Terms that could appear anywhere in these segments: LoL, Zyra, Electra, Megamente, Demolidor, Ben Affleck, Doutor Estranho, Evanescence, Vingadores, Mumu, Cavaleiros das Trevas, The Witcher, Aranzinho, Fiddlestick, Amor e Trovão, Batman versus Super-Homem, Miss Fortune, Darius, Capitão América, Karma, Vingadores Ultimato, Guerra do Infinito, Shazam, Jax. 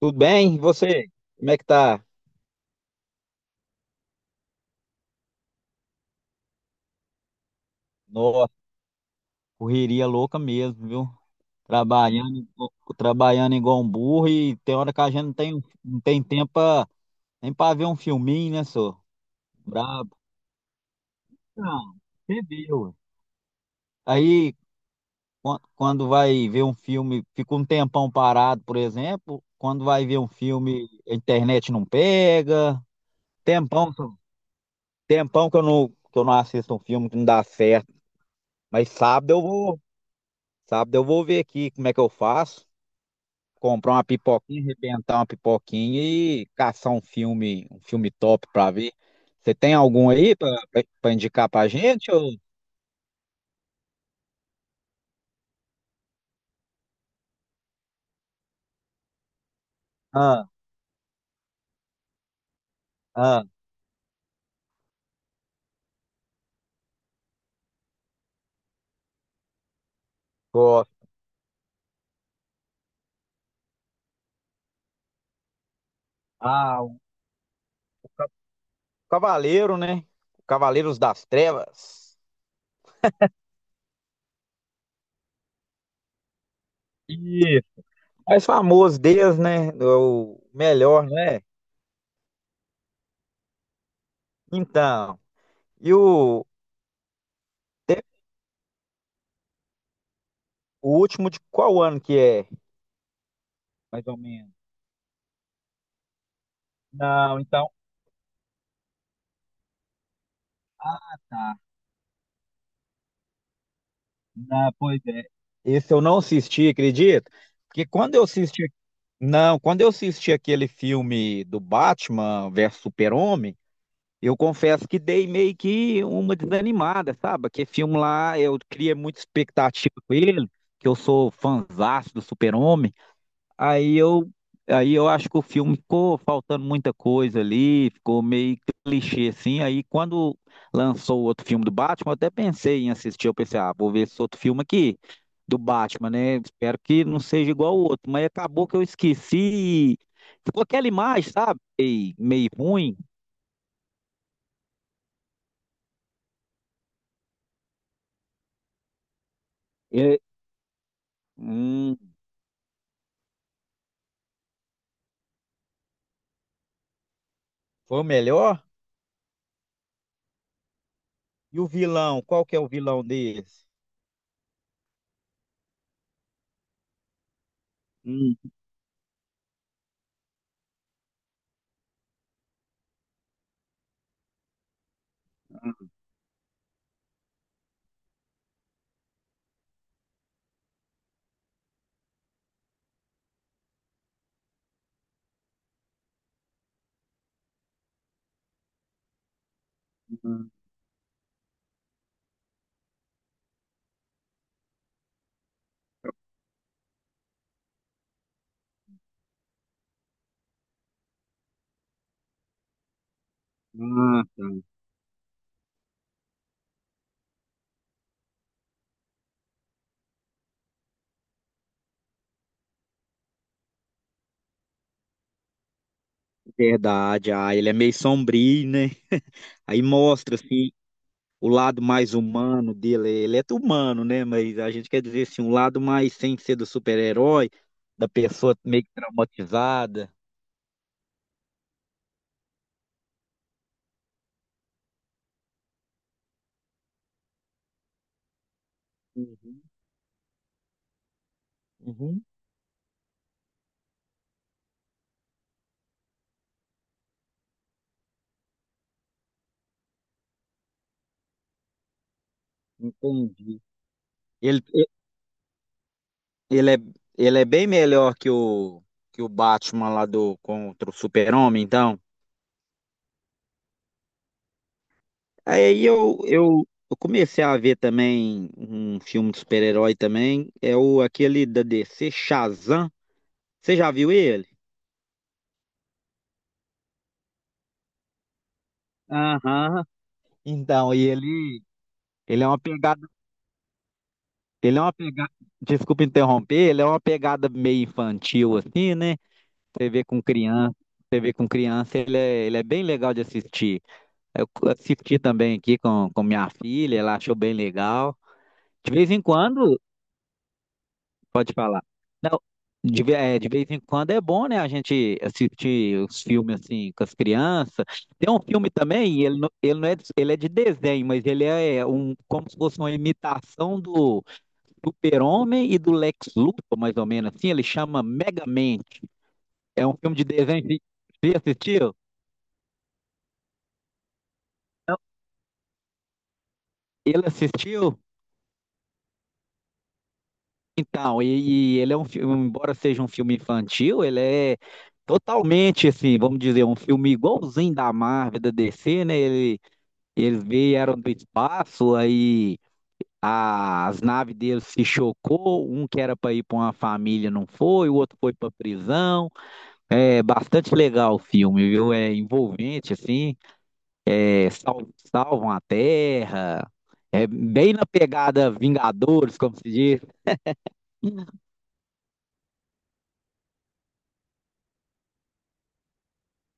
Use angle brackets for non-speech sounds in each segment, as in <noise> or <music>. Tudo bem? E você? Como é que tá? Nossa, correria louca mesmo, viu? Trabalhando, trabalhando igual um burro, e tem hora que a gente não tem tempo nem pra ver um filminho, né, senhor? Brabo. Não, você viu. Aí, quando vai ver um filme, fica um tempão parado, por exemplo. Quando vai ver um filme, a internet não pega. Tempão, senhor. Tempão que eu não assisto um filme que não dá certo. Mas sábado eu vou, Sábado eu vou ver aqui como é que eu faço. Comprar uma pipoquinha, arrebentar uma pipoquinha e caçar um filme top pra ver. Você tem algum aí pra indicar pra gente? Ou... Ah, ah, gosto. Ah, o Cavaleiro, né? Cavaleiros das Trevas. Isso. Mais famoso deles, né? O melhor, né? Então, e o, te- o último de qual ano que é? Mais ou menos. Não, então. Ah, tá. Ah, pois é. Esse eu não assisti, acredito. Porque quando eu assisti, não, quando eu assisti aquele filme do Batman versus Super-Homem, eu confesso que dei meio que uma desanimada, sabe? Aquele filme lá, eu criei muita expectativa com ele, que eu sou fãzaço do Super-Homem. Aí eu, aí eu acho que o filme ficou faltando muita coisa ali, ficou meio clichê assim. Aí quando lançou o outro filme do Batman, eu até pensei em assistir. Eu pensei, ah, vou ver esse outro filme aqui do Batman, né? Espero que não seja igual o outro. Mas acabou que eu esqueci. Ficou aquela imagem, sabe? Meio, meio ruim. É, hum, foi o melhor? E o vilão? Qual que é o vilão desse? Hum, hum, ah, tá. Verdade, ah, ele é meio sombrio, né? Aí mostra assim o lado mais humano dele. Ele é humano, né? Mas a gente quer dizer assim, um lado mais sem ser do super-herói, da pessoa meio que traumatizada. Uhum, uhum, entendi. Ele, ele é, ele é bem melhor que que o Batman lá do contra o Super-Homem, então. Eu comecei a ver também um filme de super-herói também, é o aquele da DC, Shazam. Você já viu ele? Aham. Então, e ele, ele é uma pegada, ele é uma pegada, desculpa interromper, ele é uma pegada meio infantil assim, né? Você vê com criança, você vê com criança, ele é bem legal de assistir. Eu assisti também aqui com minha filha, ela achou bem legal. De vez em quando, pode falar. Não, de vez em quando é bom, né? A gente assistir os filmes assim com as crianças. Tem um filme também, e ele não é, ele é de desenho, mas ele é é um, como se fosse uma imitação do Super-Homem e do Lex Luthor, mais ou menos assim, ele chama Megamente. É um filme de desenho. Você assistiu? Não. Ele assistiu? Então, e ele é um filme, embora seja um filme infantil, ele é totalmente assim, vamos dizer, um filme igualzinho da Marvel, da DC, né? Ele, eles vieram do espaço, aí as naves deles se chocou, um que era para ir para uma família não foi, o outro foi para prisão. É bastante legal o filme, viu? É envolvente assim. É, salvam a Terra. É bem na pegada Vingadores, como se diz.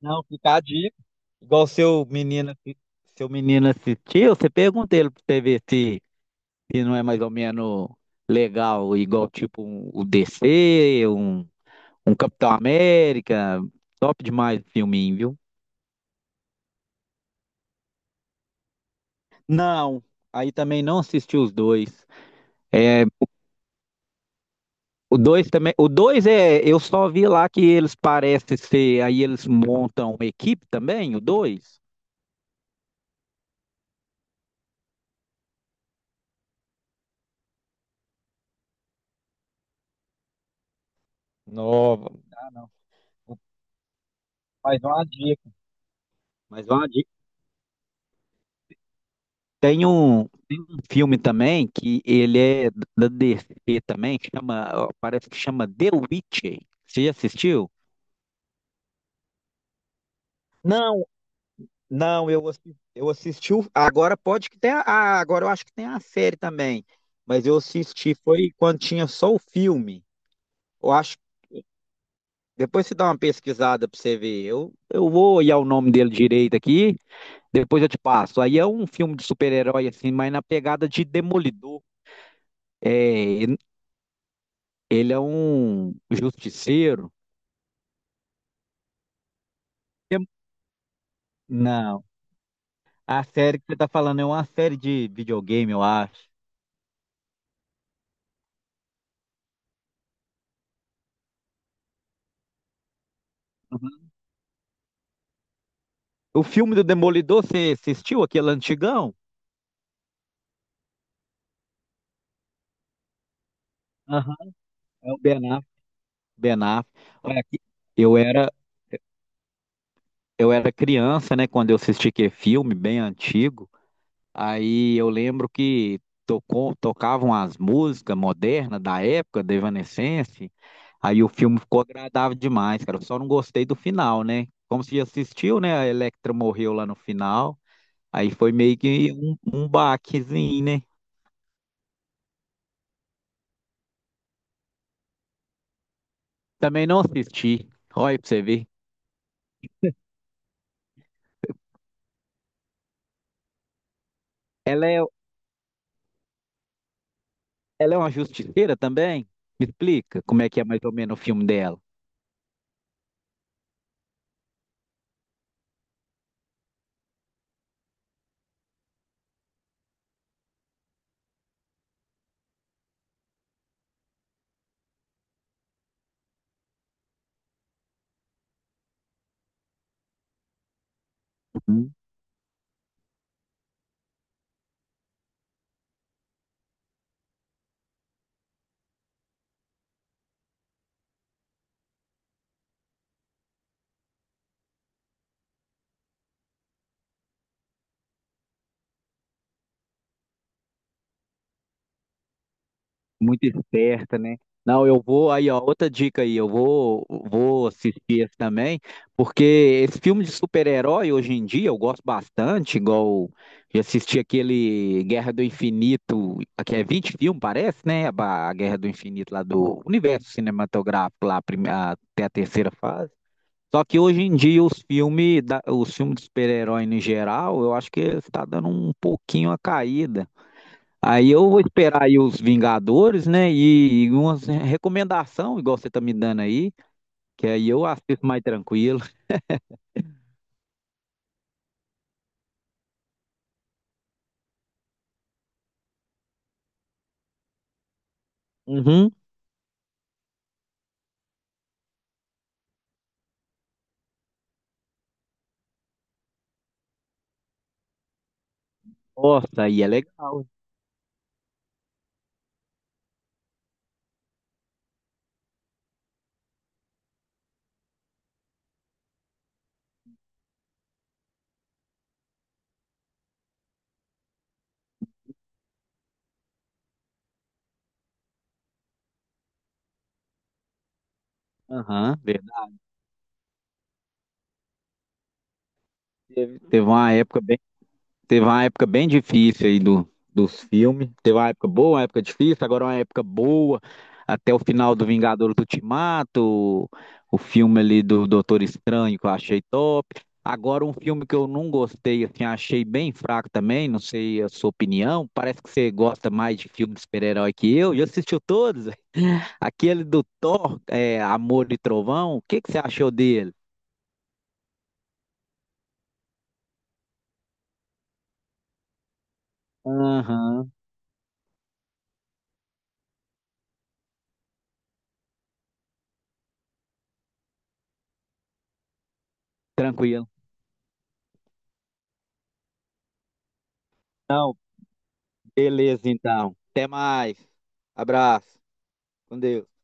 Não, fica a dica. Igual seu menino, assi- Seu menino assistiu, você pergunta ele pra você ver se, se não é mais ou menos legal, igual tipo o DC, um Capitão América. Top demais o filminho, viu? Não, aí também não assisti os dois. O 2 também. O 2 é. Eu só vi lá que eles parecem ser. Aí eles montam uma equipe também, o dois Nova. Ah, não. Mais uma dica. Mais uma dica. Tem um filme também que ele é da DC também, chama, parece que chama The Witcher. Você já assistiu? Não, não, eu assisti. Agora pode que tenha. Ah, agora eu acho que tem a série também. Mas eu assisti, foi quando tinha só o filme. Eu acho depois você dá uma pesquisada pra você ver. Eu vou olhar o nome dele direito aqui, depois eu te passo. Aí é um filme de super-herói, assim, mas na pegada de Demolidor. É, ele é um justiceiro. É- Não, a série que você tá falando é uma série de videogame, eu acho. Uhum. O filme do Demolidor, você assistiu aquele antigão? Aham. É o Ben Affleck. Ben Affleck. Olha aqui, eu era, eu era criança, né, quando eu assisti aquele filme, bem antigo. Aí eu lembro que tocavam as músicas modernas da época, da Evanescence. Aí o filme ficou agradável demais, cara. Eu só não gostei do final, né? Como se assistiu, né? A Electra morreu lá no final. Aí foi meio que um baquezinho, né? Também não assisti. Olha pra você ver. Ela é, ela é uma justiceira também? Me explica como é que é mais ou menos o filme dela. Muito esperta, né? Não, eu vou aí, ó, outra dica aí, eu vou vou assistir esse também, porque esse filme de super-herói hoje em dia eu gosto bastante, igual eu assisti aquele Guerra do Infinito, que é 20 filmes, parece, né? A Guerra do Infinito lá do universo cinematográfico lá, até a 3ª fase. Só que hoje em dia os os filmes de super-herói em geral, eu acho que está dando um pouquinho a caída. Aí eu vou esperar aí os Vingadores, né? E uma recomendação, igual você tá me dando aí, que aí eu assisto mais tranquilo. Uhum. Nossa, aí é legal. Aham, verdade. Teve teve uma época bem Teve uma época bem difícil aí do, dos filmes. Teve uma época boa, uma época difícil, agora uma época boa. Até o final do Vingadores Ultimato, o filme ali do Doutor Estranho, que eu achei top. Agora, um filme que eu não gostei, assim, achei bem fraco também, não sei a sua opinião. Parece que você gosta mais de filme de super-herói que eu, e assistiu todos. <laughs> Aquele do Thor, é, Amor e Trovão, o que que você achou dele? Aham, tranquilo. Beleza, então. Até mais. Abraço. Com Deus.